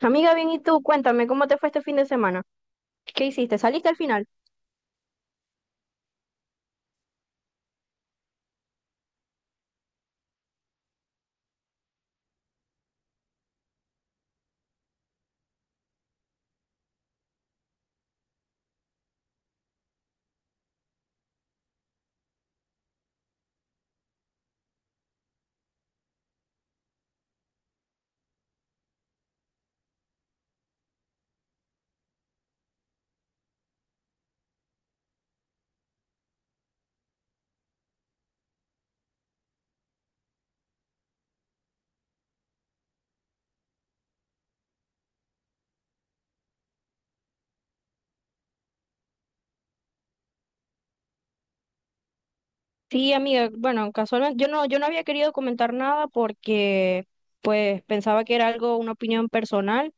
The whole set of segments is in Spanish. Amiga, bien, ¿y tú? Cuéntame, ¿cómo te fue este fin de semana? ¿Qué hiciste? ¿Saliste al final? Sí, amiga, bueno, casualmente yo no había querido comentar nada porque pues pensaba que era algo, una opinión personal,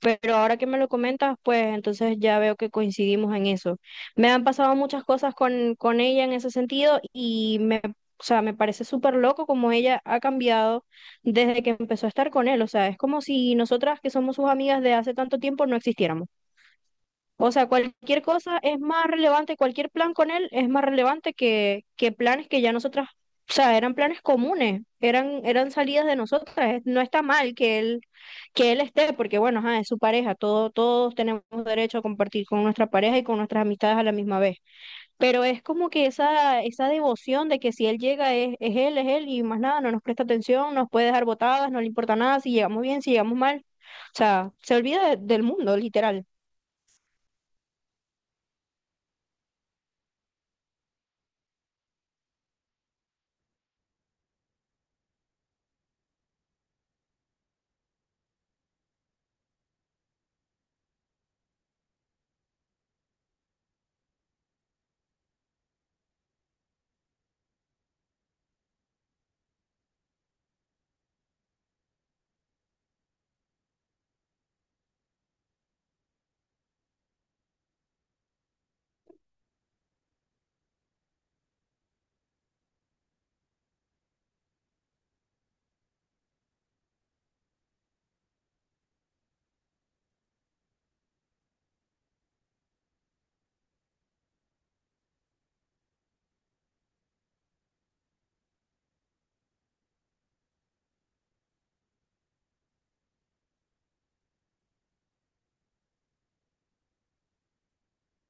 pero ahora que me lo comentas, pues entonces ya veo que coincidimos en eso. Me han pasado muchas cosas con ella en ese sentido o sea, me parece súper loco como ella ha cambiado desde que empezó a estar con él. O sea, es como si nosotras que somos sus amigas de hace tanto tiempo no existiéramos. O sea, cualquier cosa es más relevante, cualquier plan con él es más relevante que planes que ya o sea, eran planes comunes, eran salidas de nosotras. No está mal que él esté, porque bueno, ajá, es su pareja, todo, todos tenemos derecho a compartir con nuestra pareja y con nuestras amistades a la misma vez. Pero es como que esa devoción de que si él llega es él y más nada, no nos presta atención, nos puede dejar botadas, no le importa nada, si llegamos bien, si llegamos mal. O sea, se olvida del mundo, literal.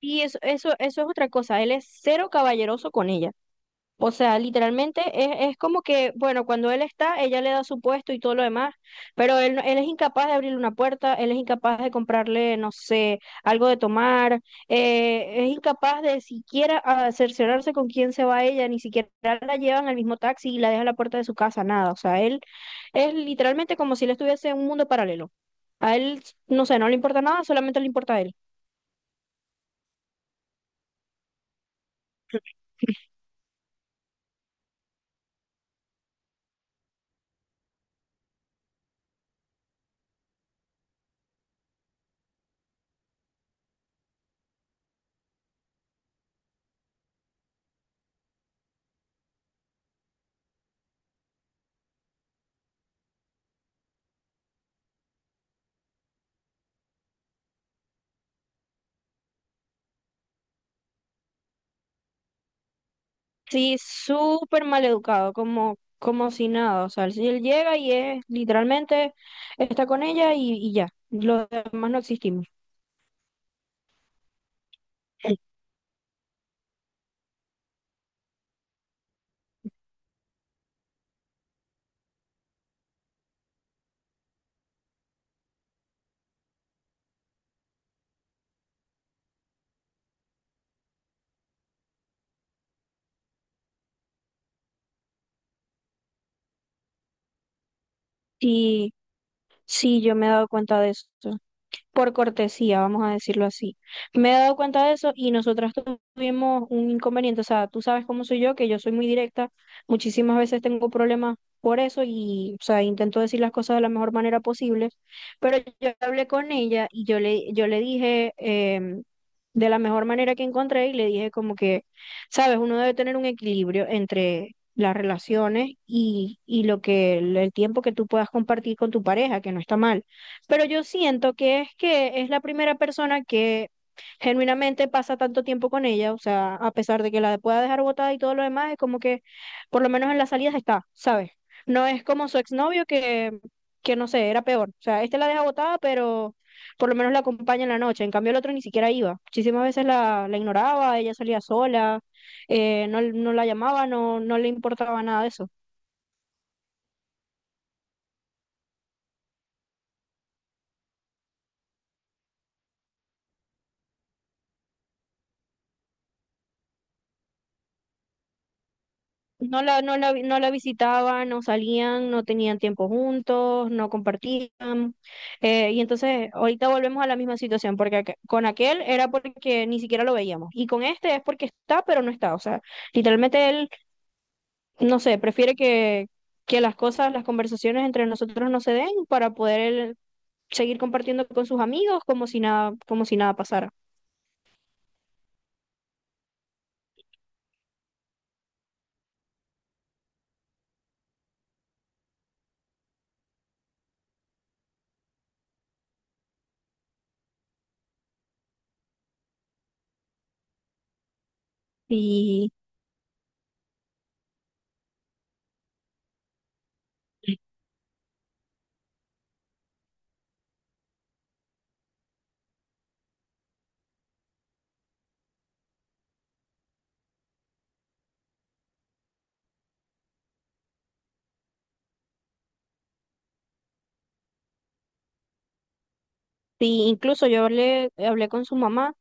Y eso es otra cosa, él es cero caballeroso con ella. O sea, literalmente es como que, bueno, cuando él está, ella le da su puesto y todo lo demás, pero él, no- él es incapaz de abrirle una puerta, él es incapaz de comprarle, no sé, algo de tomar, es incapaz de siquiera cerciorarse con quién se va ella, ni siquiera la llevan al mismo taxi y la dejan a la puerta de su casa, nada. O sea, él es literalmente como si él estuviese en un mundo paralelo. A él, no sé, no le importa nada, solamente le importa a él. Sí, súper mal educado, como si nada. O sea, si él llega y es literalmente está con ella y ya. Los demás no existimos. Sí, sí, yo me he dado cuenta de eso. Por cortesía, vamos a decirlo así. Me he dado cuenta de eso y nosotras tuvimos un inconveniente, o sea, tú sabes cómo soy yo, que yo soy muy directa, muchísimas veces tengo problemas por eso o sea, intento decir las cosas de la mejor manera posible, pero yo hablé con ella y yo le dije de la mejor manera que encontré y le dije como que, sabes, uno debe tener un equilibrio entre las relaciones y lo que el tiempo que tú puedas compartir con tu pareja, que no está mal. Pero yo siento que es la primera persona que genuinamente pasa tanto tiempo con ella, o sea, a pesar de que la pueda dejar botada y todo lo demás, es como que por lo menos en las salidas está, ¿sabes? No es como su exnovio que no sé, era peor. O sea, este la deja botada, pero por lo menos la acompaña en la noche. En cambio, el otro ni siquiera iba. Muchísimas veces la ignoraba, ella salía sola, no la llamaba, no le importaba nada de eso. No la visitaban, no salían, no tenían tiempo juntos, no compartían. Y entonces ahorita volvemos a la misma situación, porque con aquel era porque ni siquiera lo veíamos. Y con este es porque está, pero no está. O sea, literalmente él, no sé, prefiere que las cosas, las conversaciones entre nosotros no se den para poder él seguir compartiendo con sus amigos como si nada pasara. Y Sí, incluso hablé con su mamá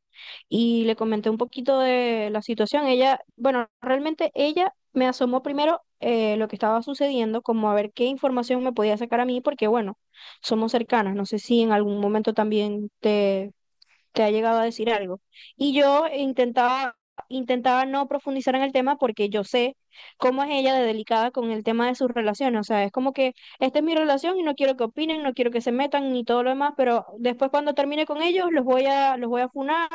y le comenté un poquito de la situación. Ella, bueno, realmente ella me asomó primero lo que estaba sucediendo, como a ver qué información me podía sacar a mí, porque bueno, somos cercanas. No sé si en algún momento también te ha llegado a decir algo. Y yo intentaba no profundizar en el tema porque yo sé cómo es ella de delicada con el tema de sus relaciones. O sea, es como que esta es mi relación y no quiero que opinen, no quiero que se metan ni todo lo demás, pero después cuando termine con ellos los voy a funar,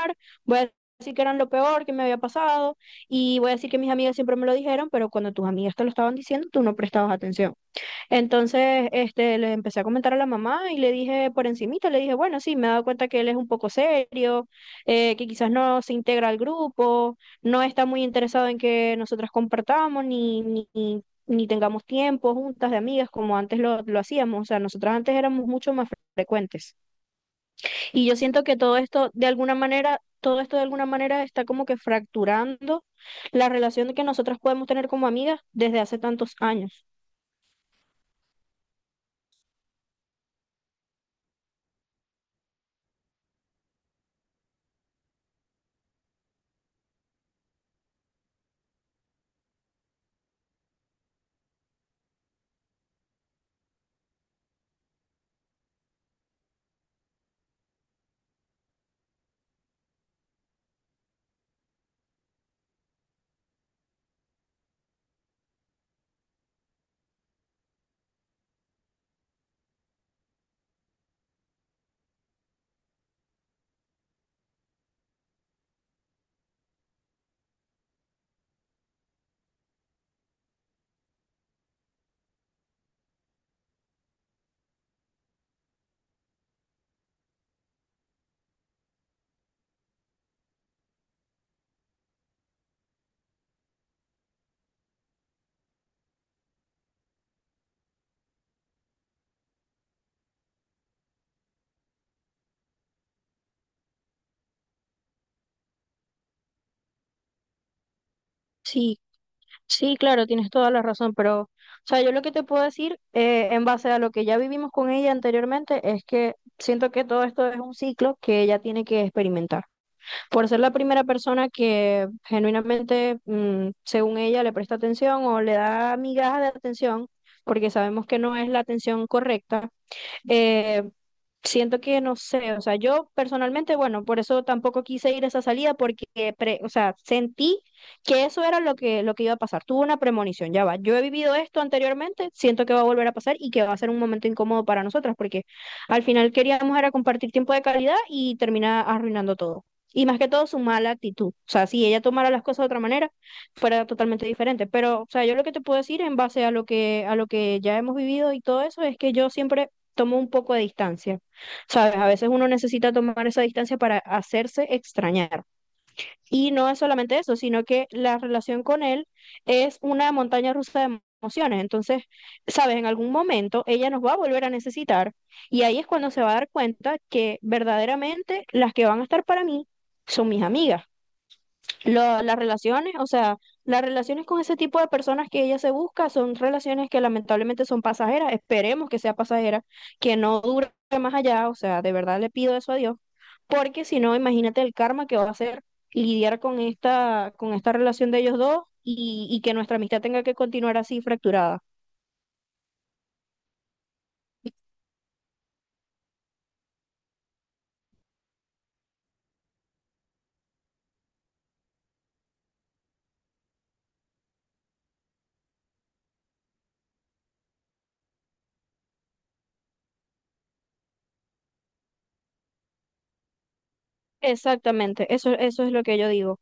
voy a decir que eran lo peor que me había pasado y voy a decir que mis amigas siempre me lo dijeron, pero cuando tus amigas te lo estaban diciendo, tú no prestabas atención. Entonces, este, le empecé a comentar a la mamá y le dije por encimita, le dije, bueno, sí, me he dado cuenta que él es un poco serio, que quizás no se integra al grupo, no está muy interesado en que nosotras compartamos ni tengamos tiempo juntas de amigas como antes lo hacíamos. O sea, nosotras antes éramos mucho más frecuentes. Y yo siento que todo esto, de alguna manera, todo esto de alguna manera está como que fracturando la relación que nosotras podemos tener como amigas desde hace tantos años. Sí, Sí, claro, tienes toda la razón, o sea, yo lo que te puedo decir en base a lo que ya vivimos con ella anteriormente es que siento que todo esto es un ciclo que ella tiene que experimentar. Por ser la primera persona que genuinamente, según ella, le presta atención o le da migajas de atención, porque sabemos que no es la atención correcta, eh, siento que no sé, o sea, yo personalmente, bueno, por eso tampoco quise ir a esa salida porque, o sea, sentí que eso era lo que iba a pasar. Tuve una premonición, ya va. Yo he vivido esto anteriormente, siento que va a volver a pasar y que va a ser un momento incómodo para nosotras porque al final queríamos era compartir tiempo de calidad y termina arruinando todo. Y más que todo su mala actitud. O sea, si ella tomara las cosas de otra manera, fuera totalmente diferente. Pero, o sea, yo lo que te puedo decir en base a a lo que ya hemos vivido y todo eso es que yo siempre tomo un poco de distancia, ¿sabes? A veces uno necesita tomar esa distancia para hacerse extrañar. Y no es solamente eso, sino que la relación con él es una montaña rusa de emociones. Entonces, ¿sabes? En algún momento ella nos va a volver a necesitar y ahí es cuando se va a dar cuenta que verdaderamente las que van a estar para mí son mis amigas las relaciones, o sea, las relaciones con ese tipo de personas que ella se busca son relaciones que lamentablemente son pasajeras, esperemos que sea pasajera, que no dure más allá, o sea, de verdad le pido eso a Dios, porque si no, imagínate el karma que va a ser lidiar con con esta relación de ellos dos y que nuestra amistad tenga que continuar así fracturada. Exactamente, eso es lo que yo digo.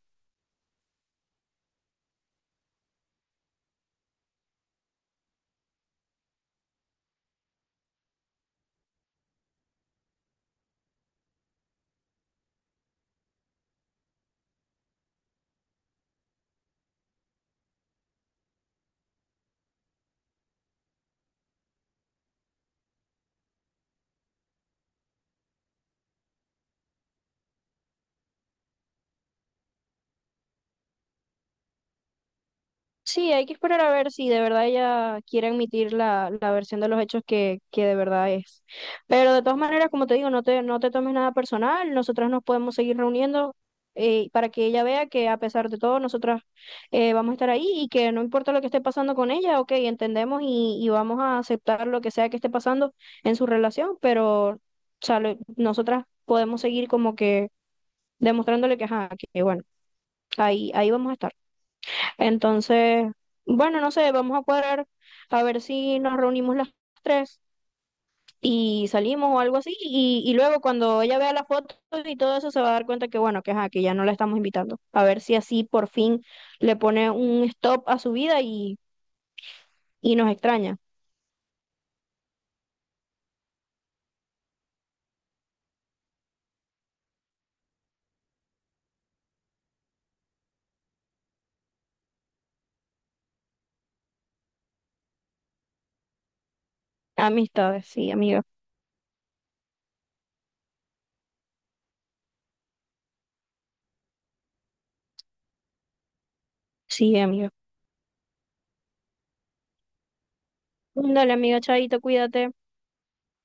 Sí, hay que esperar a ver si de verdad ella quiere admitir la versión de los hechos que de verdad es. Pero de todas maneras, como te digo, no te tomes nada personal, nosotras nos podemos seguir reuniendo para que ella vea que a pesar de todo, nosotras vamos a estar ahí y que no importa lo que esté pasando con ella, ok, entendemos y vamos a aceptar lo que sea que esté pasando en su relación, nosotras podemos seguir como que demostrándole que, ajá, que bueno, ahí vamos a estar. Entonces, bueno, no sé, vamos a cuadrar a ver si nos reunimos las tres y salimos o algo así. Y luego cuando ella vea las fotos y todo eso se va a dar cuenta que bueno, que, ajá, que ya no la estamos invitando. A ver si así por fin le pone un stop a su vida y nos extraña. Amistades, sí, amiga. Sí, amiga. Dale, amiga, chaito, cuídate.